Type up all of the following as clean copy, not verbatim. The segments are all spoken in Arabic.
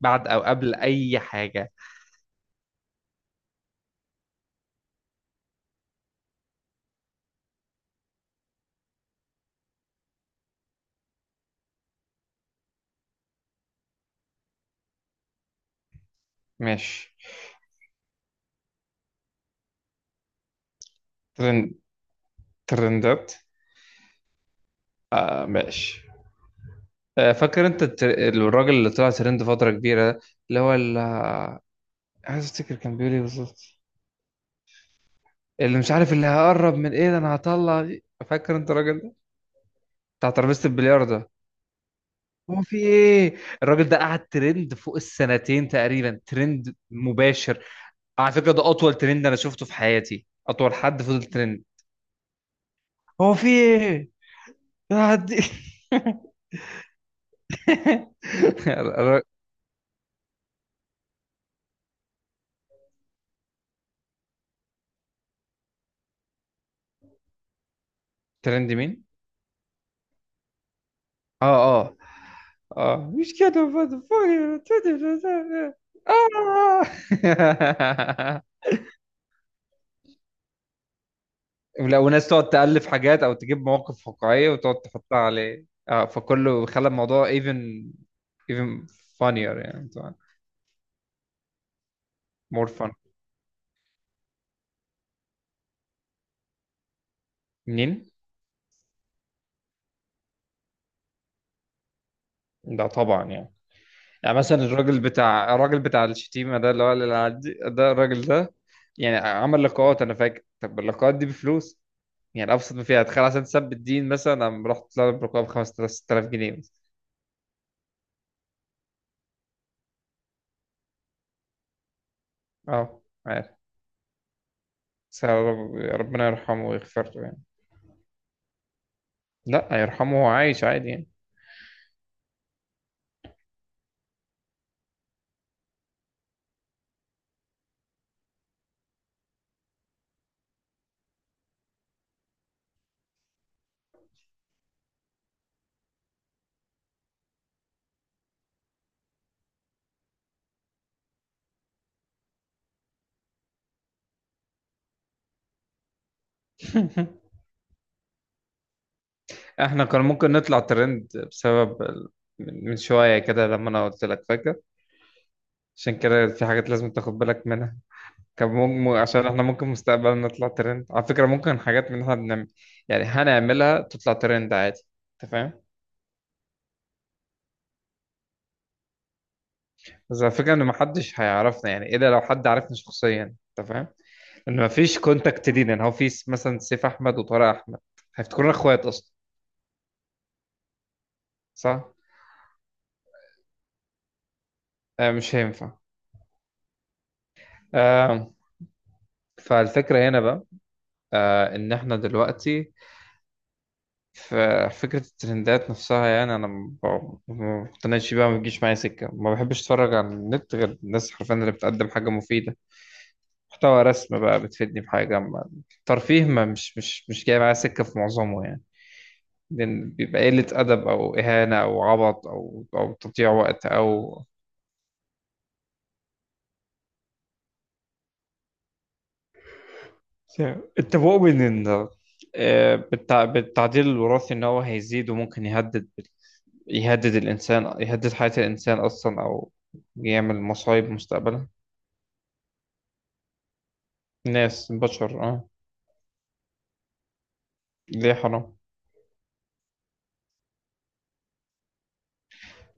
بعد او قبل اي حاجه؟ ماشي. ترند. ترندات. آه، ماشي. آه، فاكر انت الراجل اللي طلع ترند فتره كبيره ده؟ اللي هو ال... آه، عايز افتكر كان بيقول ايه بالظبط؟ اللي مش عارف اللي هقرب من ايه ده انا هطلع دي. فاكر انت الراجل ده؟ بتاع ترابيزه البلياردو ده. هو في ايه؟ الراجل ده قعد ترند فوق السنتين تقريبا، ترند مباشر. على فكره ده اطول ترند انا شفته في حياتي، اطول حد فضل ترند. هو في ايه؟ يا عدي. ر- ترند مين؟ اه، اه، اه، مش كده motherfucker. اه. لا، وناس تقعد تألف حاجات او تجيب مواقف واقعية وتقعد تحطها عليه، اه، فكله خلى الموضوع even even funnier، يعني طبعا. more fun. منين؟ ده طبعا يعني. يعني مثلا الراجل بتاع الشتيمة ده، اللي هو اللي ده الراجل ده، يعني عمل لقاءات انا فاكر. طب اللقاءات دي بفلوس، يعني ابسط ما فيها. تخيل عشان تثبت دين مثلا انا رحت طالب ركاب 5000 6000 جنيه مثلا. اه، عارف. بس يا ربنا يرحمه ويغفر له يعني. لا، يرحمه، هو عايش عادي يعني. احنا كان ممكن نطلع ترند بسبب من شوية كده لما انا قلت لك، فاكر؟ عشان كده في حاجات لازم تاخد بالك منها. كان ممكن، عشان احنا ممكن مستقبلا نطلع ترند على فكرة. ممكن حاجات من اللي احنا بنعمل يعني هنعملها تطلع ترند عادي. انت فاهم؟ بس الفكرة ان محدش هيعرفنا يعني، الا لو حد عرفنا شخصيا. انت فاهم؟ ان مفيش كونتاكت لينا، ان هو مثلا سيف احمد وطارق احمد، هيفتكرونا اخوات اصلا. صح. آه، مش هينفع. آه. فالفكره هنا بقى، آه، ان احنا دلوقتي في فكره الترندات نفسها. يعني انا ما بقتنعش بيها، ما بتجيش معايا سكه. ما بحبش اتفرج على النت غير الناس حرفيا اللي بتقدم حاجه مفيده، محتوى رسم بقى، بتفيدني بحاجه ترفيه. ما مش جاي معايا سكه في معظمه يعني. لأن بيبقى قلة أدب أو إهانة أو عبط أو تضييع وقت أو... اتفقوا بين ان، آه، بالتعديل الوراثي ان هو هيزيد وممكن يهدد الانسان، يهدد حياة الانسان اصلا، او يعمل مصايب مستقبلا. ناس بشر، اه. ليه حرام؟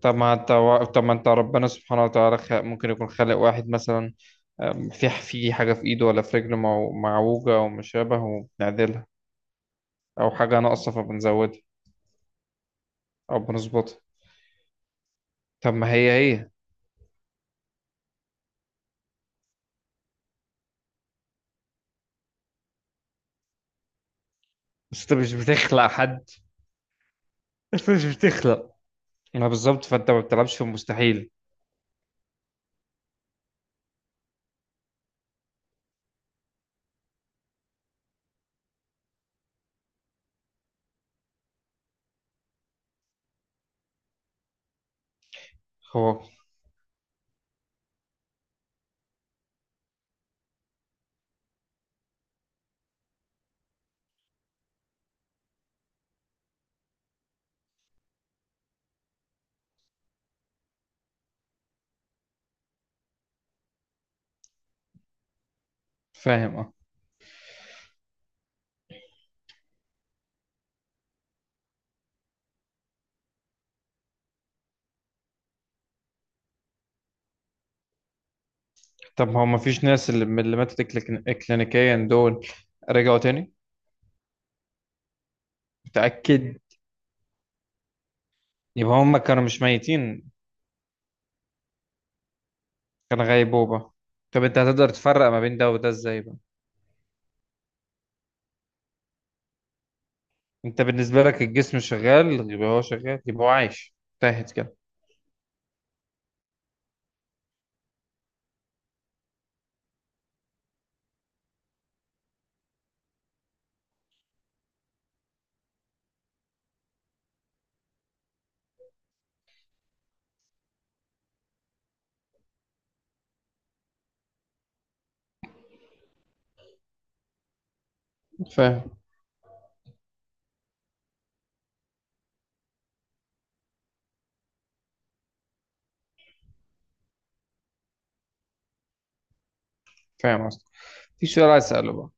طب ما انت ربنا سبحانه وتعالى ممكن يكون خالق واحد مثلا. في حاجة في ايده ولا في رجله معوجة او مشابه وبنعدلها، او حاجة ناقصة فبنزودها او بنظبطها. طب ما هي بس انت مش بتخلق حد. انت مش بتخلق. ما بالظبط، فانت ما بتلعبش في المستحيل. هو فاهم، اه. طب هو ما فيش ناس اللي من اللي ماتت كلينيكيا دول رجعوا تاني؟ متأكد؟ يبقى هم كانوا مش ميتين. كان غيبوبة. طب انت هتقدر تفرق ما بين ده وده ازاي بقى؟ انت بالنسبة لك الجسم شغال يبقى هو شغال يبقى هو عايش. تاهت كده. فاهم. فاهم اصلا. في سؤال عايز اسأله بقى.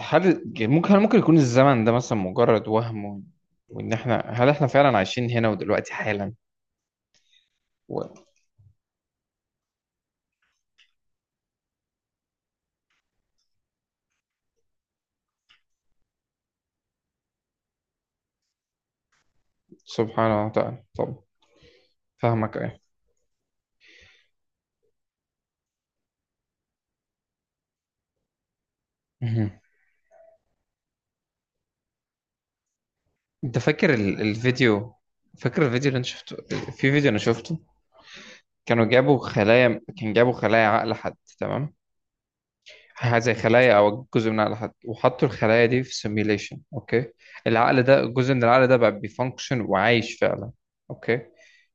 هل ممكن، هل ممكن يكون الزمن ده مثلا مجرد وهم و... وان احنا، هل احنا فعلا عايشين هنا ودلوقتي حالا و... سبحانه وتعالى. طب، فاهمك ايه؟ مهم. انت فاكر الفيديو؟ فاكر الفيديو اللي انا شفته؟ في فيديو انا شفته، كان جابوا خلايا عقل حد، تمام؟ حاجه زي خلايا او جزء من عقل حد، وحطوا الخلايا دي في سيميليشن، اوكي؟ العقل ده، جزء من العقل ده بقى بيفانكشن وعايش فعلا، اوكي؟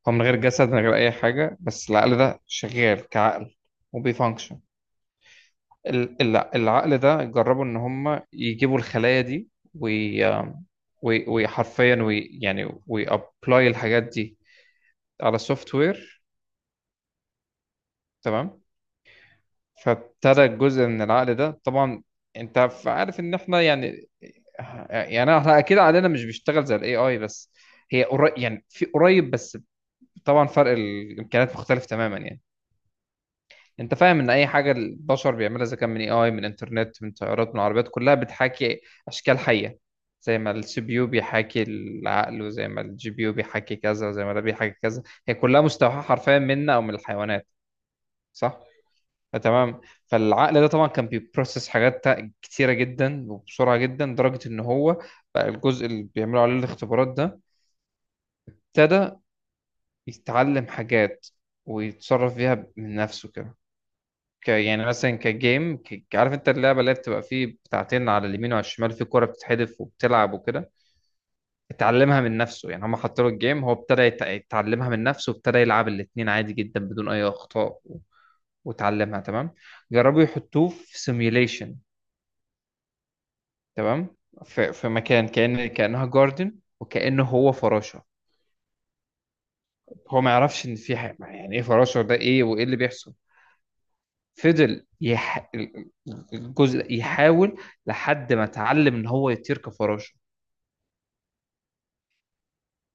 هو من غير جسد، من غير اي حاجه، بس العقل ده شغال كعقل وبيفانكشن. العقل ده جربوا ان هم يجيبوا الخلايا دي وي وحرفيا وي يعني ويابلاي الحاجات دي على سوفت وير، تمام. فابتدى جزء من العقل ده طبعا. انت عارف ان احنا يعني... يعني احنا اكيد عقلنا مش بيشتغل زي الاي اي، بس هي قريب، يعني في قريب بس. طبعا فرق الامكانيات مختلف تماما يعني. انت فاهم ان اي حاجه البشر بيعملها اذا كان من اي اي، من انترنت، من طيارات، من عربيات، كلها بتحاكي اشكال حيه. زي ما السي بي يو بيحاكي العقل، وزي ما الجي بي يو بيحاكي كذا، وزي ما ده بيحاكي كذا. هي كلها مستوحاه حرفيا منا او من الحيوانات. صح. آه، تمام. فالعقل ده طبعا كان بيبروسس حاجات كتيره جدا وبسرعه جدا، لدرجه ان هو بقى الجزء اللي بيعملوا عليه الاختبارات ده، ابتدى يتعلم حاجات ويتصرف فيها من نفسه كده. يعني مثلا كجيم، عارف انت اللعبه اللي هي بتبقى فيه بتاعتين على اليمين وعلى الشمال، في كوره بتتحدف وبتلعب وكده؟ اتعلمها من نفسه، يعني هم حطوا له الجيم، هو ابتدى يتعلمها من نفسه، وابتدى يلعب الاتنين عادي جدا بدون اي اخطاء وتعلمها، تمام. جربوا يحطوه في سيميوليشن، تمام. في مكان كأن كأنها جاردن، وكأنه هو فراشة. هو ما يعرفش ان في حاجة، يعني ايه فراشة، ده ايه وايه اللي بيحصل. فضل الجزء يحاول لحد ما اتعلم ان هو يطير كفراشه.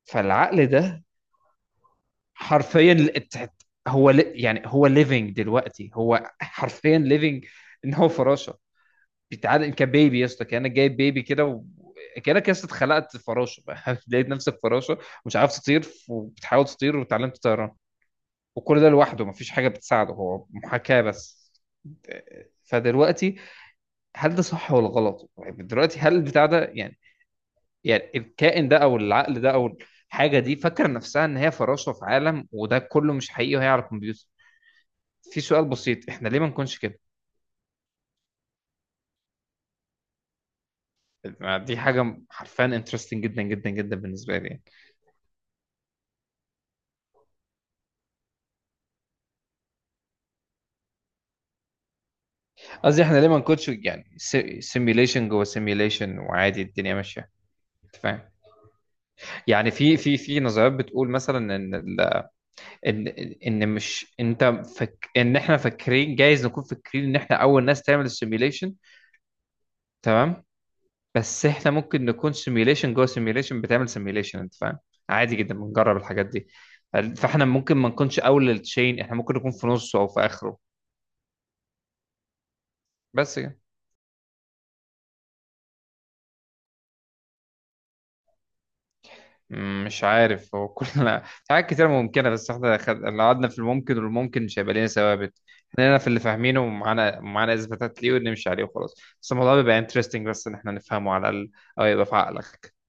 فالعقل ده حرفيا هو يعني هو ليفنج دلوقتي، هو حرفيا ليفنج ان هو فراشه. بيتعامل كبيبي، يا اسطى كانك جايب بيبي كده كانك يا اسطى اتخلقت فراشه. لقيت نفسك فراشه ومش عارف تطير، وبتحاول تطير وتعلمت طيران. وكل ده لوحده، مفيش حاجه بتساعده، هو محاكاه بس. فدلوقتي، هل ده صح ولا غلط؟ طيب دلوقتي هل البتاع ده يعني، يعني الكائن ده او العقل ده او الحاجه دي فاكره نفسها ان هي فراشه في عالم وده كله مش حقيقي وهي على الكمبيوتر؟ في سؤال بسيط، احنا ليه ما نكونش كده؟ دي حاجه حرفيا انترستنج جدا جدا جدا بالنسبه لي يعني. قصدي احنا ليه ما نكونش يعني سيميليشن جوه سيميليشن، وعادي الدنيا ماشيه. أنت فاهم؟ يعني في نظريات بتقول مثلا ان ان ان مش انت... فك ان احنا فاكرين، جايز نكون فاكرين ان احنا اول ناس تعمل السيميليشن، تمام. بس احنا ممكن نكون سيميوليشن جوه سيميوليشن بتعمل سيميوليشن. انت فاهم؟ عادي جدا، بنجرب الحاجات دي. فاحنا ممكن ما نكونش اول للتشين، احنا ممكن نكون في نصه او في اخره. بس كده. مش عارف، هو كلنا حاجات كتير ممكنة، بس احنا لو قعدنا في الممكن والممكن مش هيبقى لنا ثوابت. احنا هنا في اللي فاهمينه، ومعانا معانا اثباتات ليه، ونمشي عليه وخلاص. بس الموضوع بيبقى انترستنج، بس ان احنا نفهمه على الاقل، او يبقى في عقلك.